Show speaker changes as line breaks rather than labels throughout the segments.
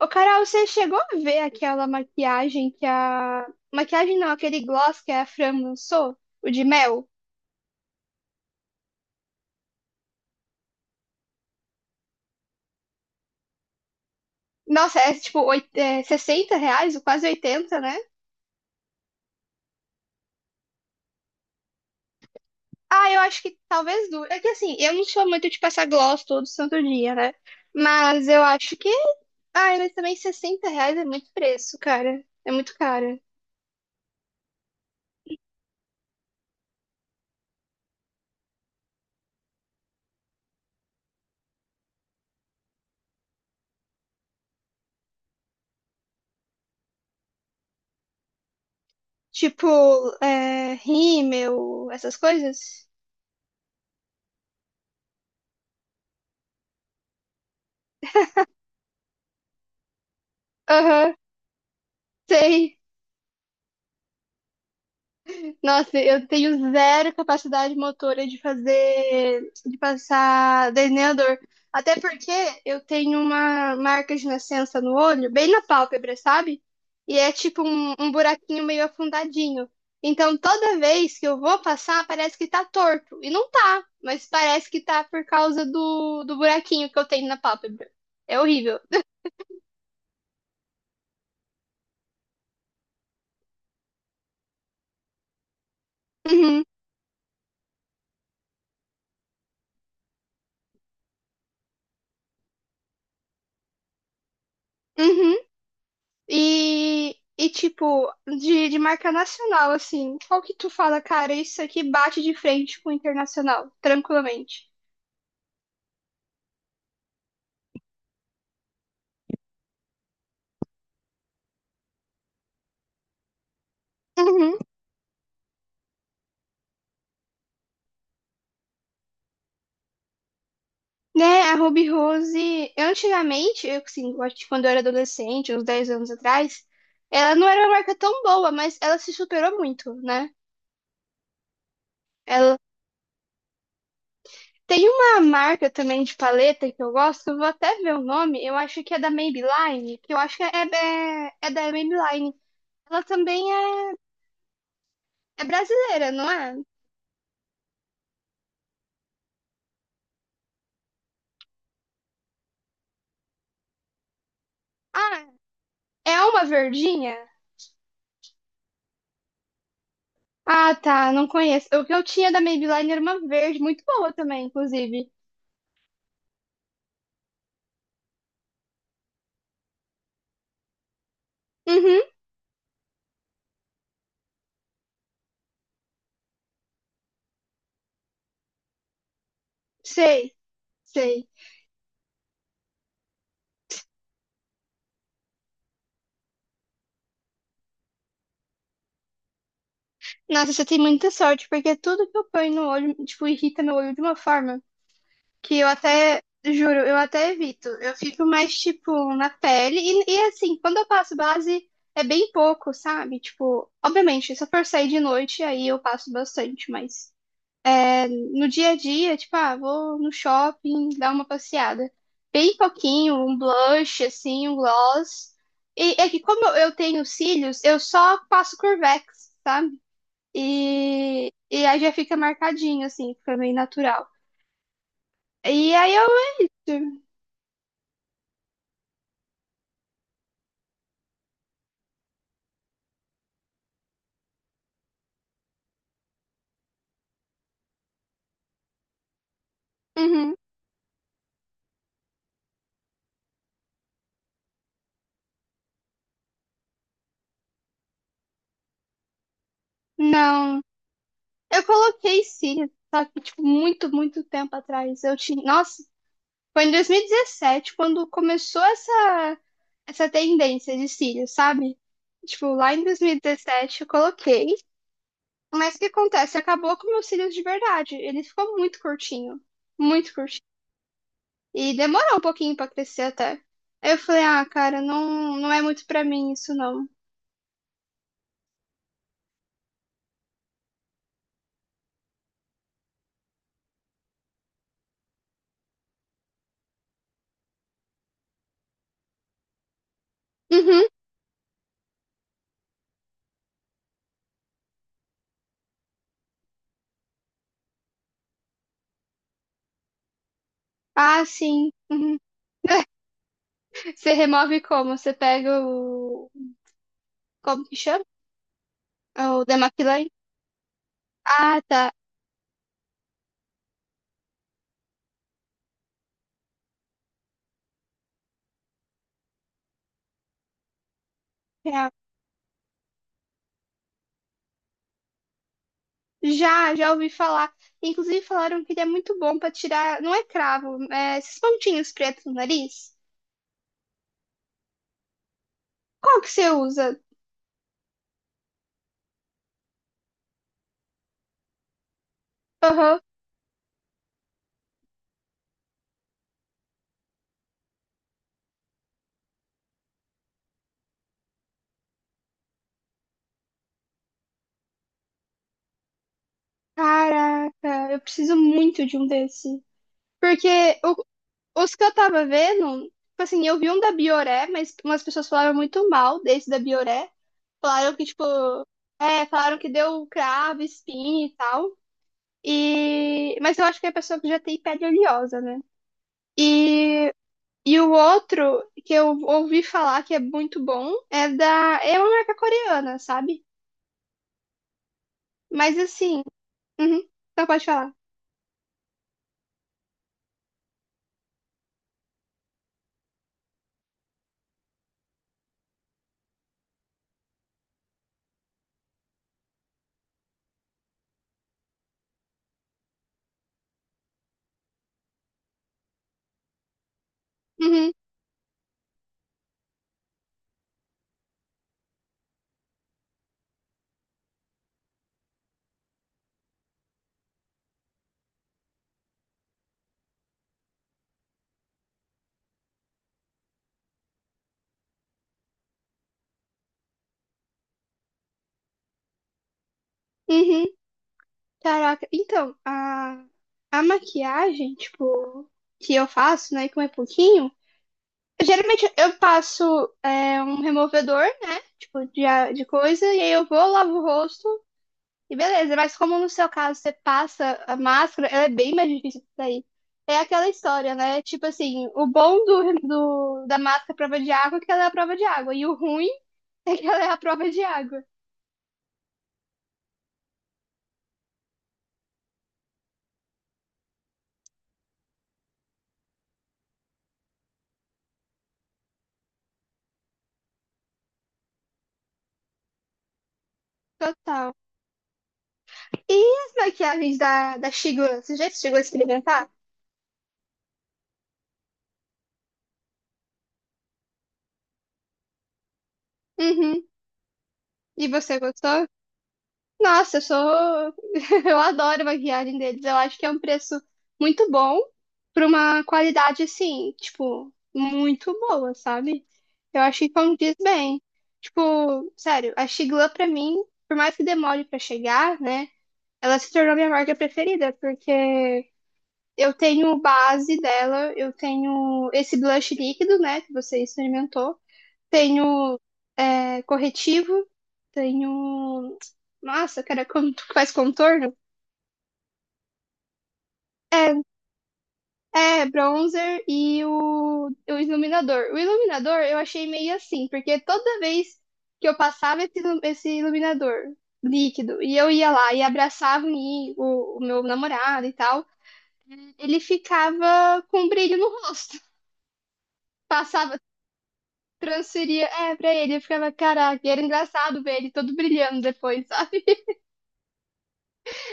Ô, Carol, você chegou a ver aquela maquiagem que a. Maquiagem não, aquele gloss que a Fran lançou? O de mel? Nossa, é tipo R$ 60, ou quase oitenta, né? Ah, eu acho que talvez dure. É que assim, eu não sou muito de passar gloss todo santo dia, né? Mas eu acho que. Ai, mas também 60 reais é muito preço, cara. É muito caro. Tipo, é, rímel, essas coisas? Aham, sei. Nossa, eu tenho zero capacidade motora de fazer, de passar delineador. Até porque eu tenho uma marca de nascença no olho, bem na pálpebra, sabe? E é tipo um buraquinho meio afundadinho. Então toda vez que eu vou passar, parece que tá torto. E não tá, mas parece que tá por causa do buraquinho que eu tenho na pálpebra. É horrível. Uhum, uhum. E, e tipo, de marca nacional, assim, qual que tu fala, cara, isso aqui bate de frente com o internacional, tranquilamente. Uhum. Né, a Ruby Rose, antigamente, eu, assim, eu acho que quando eu era adolescente, uns 10 anos atrás, ela não era uma marca tão boa, mas ela se superou muito, né? Ela tem uma marca também de paleta que eu gosto, eu vou até ver o nome, eu acho que é da Maybelline, que eu acho que é da Maybelline. Ela também é, é brasileira, não é? É uma verdinha? Ah, tá, não conheço. O que eu tinha da Maybelline era uma verde, muito boa também, inclusive. Uhum, sei, sei. Nossa, você tem muita sorte, porque tudo que eu ponho no olho, tipo, irrita meu olho de uma forma que eu até, juro, eu até evito. Eu fico mais, tipo, na pele. E assim, quando eu passo base, é bem pouco, sabe? Tipo, obviamente, se eu for sair de noite, aí eu passo bastante, mas no dia a dia, tipo, ah, vou no shopping dar uma passeada. Bem pouquinho, um blush, assim, um gloss. E é que como eu tenho cílios, eu só passo Curvex, sabe? E aí já fica marcadinho, assim, fica meio natural. E aí eu. Uhum. Não. Eu coloquei cílios, só que, tipo, muito, muito tempo atrás. Eu tinha. Nossa. Foi em 2017 quando começou essa, essa tendência de cílios, sabe? Tipo, lá em 2017 eu coloquei, mas o que acontece? Acabou com meus cílios de verdade. Ele ficou muito curtinho, muito curtinho. E demorou um pouquinho pra crescer até. Aí eu falei, ah, cara, não, não é muito pra mim isso não. Uhum. Ah, sim. Uhum. Você remove como? Você pega o. Como que chama? O demaquilante? Ah, tá. É. Já, já ouvi falar. Inclusive falaram que ele é muito bom pra tirar, não é cravo, é esses pontinhos pretos no nariz. Qual que você usa? Aham. Caraca, eu preciso muito de um desse. Porque o- os que eu tava vendo, tipo assim, eu vi um da Bioré, mas umas pessoas falaram muito mal desse da Bioré. Falaram que, tipo, é, falaram que deu cravo, espinha e tal. E... Mas eu acho que é a pessoa que já tem pele oleosa, né? E e o outro que eu ouvi falar que é muito bom é da. É uma marca coreana, sabe? Mas assim. Uhum, não pode falar. Uhum, uhum, caraca. Então, a maquiagem, tipo, que eu faço, né, com é pouquinho. Geralmente eu passo é, um removedor, né? Tipo, de, a- de coisa, e aí eu vou, lavo o rosto. E beleza, mas como no seu caso você passa a máscara, ela é bem mais difícil de sair. É aquela história, né? Tipo assim, o bom da máscara prova de água é que ela é a prova de água. E o ruim é que ela é a prova de água. Total. E as maquiagens da Shigula? Você já chegou a experimentar? Uhum. E você gostou? Nossa, eu sou. Eu adoro a maquiagem deles. Eu acho que é um preço muito bom para uma qualidade assim, tipo, muito boa, sabe? Eu acho que condiz bem. Tipo, sério, a Sigla pra mim, por mais que demore pra chegar, né? Ela se tornou minha marca preferida, porque eu tenho base dela, eu tenho esse blush líquido, né, que você experimentou, tenho é, corretivo, tenho. Nossa, cara, como tu faz contorno? É, bronzer e o iluminador. O iluminador eu achei meio assim, porque toda vez que eu passava esse iluminador líquido e eu ia lá e abraçava o meu namorado e tal, ele ficava com um brilho no rosto. Passava, transferia, é, pra ele, eu ficava, caraca, e era engraçado ver ele todo brilhando depois, sabe?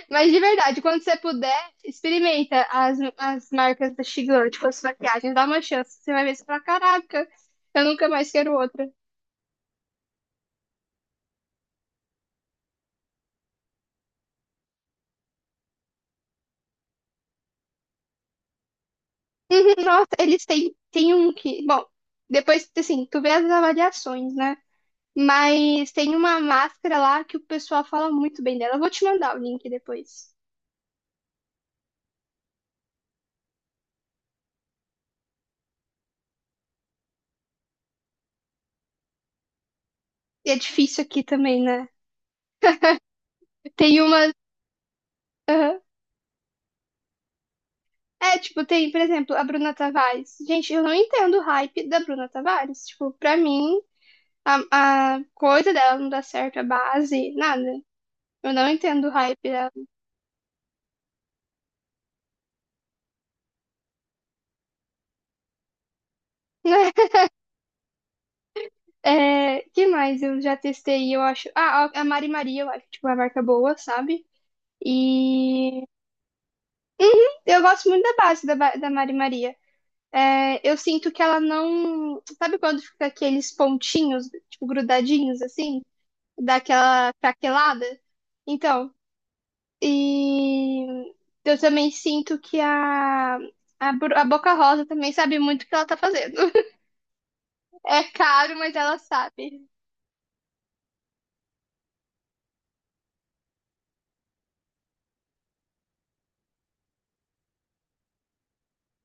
Mas de verdade, quando você puder, experimenta as marcas da Shigan, tipo as maquiagens, dá uma chance. Você vai ver se fala, caraca, eu nunca mais quero outra. Uhum. Nossa, eles têm um que. Bom, depois, assim, tu vê as avaliações, né? Mas tem uma máscara lá que o pessoal fala muito bem dela. Eu vou te mandar o link depois. E é difícil aqui também, né? Tem uma. Aham. É, tipo, tem, por exemplo, a Bruna Tavares. Gente, eu não entendo o hype da Bruna Tavares. Tipo, pra mim. A, a coisa dela não dá certo, a base, nada. Eu não entendo o hype dela. É, que mais eu já testei, eu acho. Ah, a Mari Maria, eu acho, tipo, uma marca boa, sabe? E. Uhum, eu gosto muito da base da Mari Maria. É, eu sinto que ela não. Sabe quando fica aqueles pontinhos, tipo, grudadinhos, assim? Dá aquela craquelada? Então. E eu também sinto que a Boca Rosa também sabe muito o que ela tá fazendo. É caro, mas ela sabe.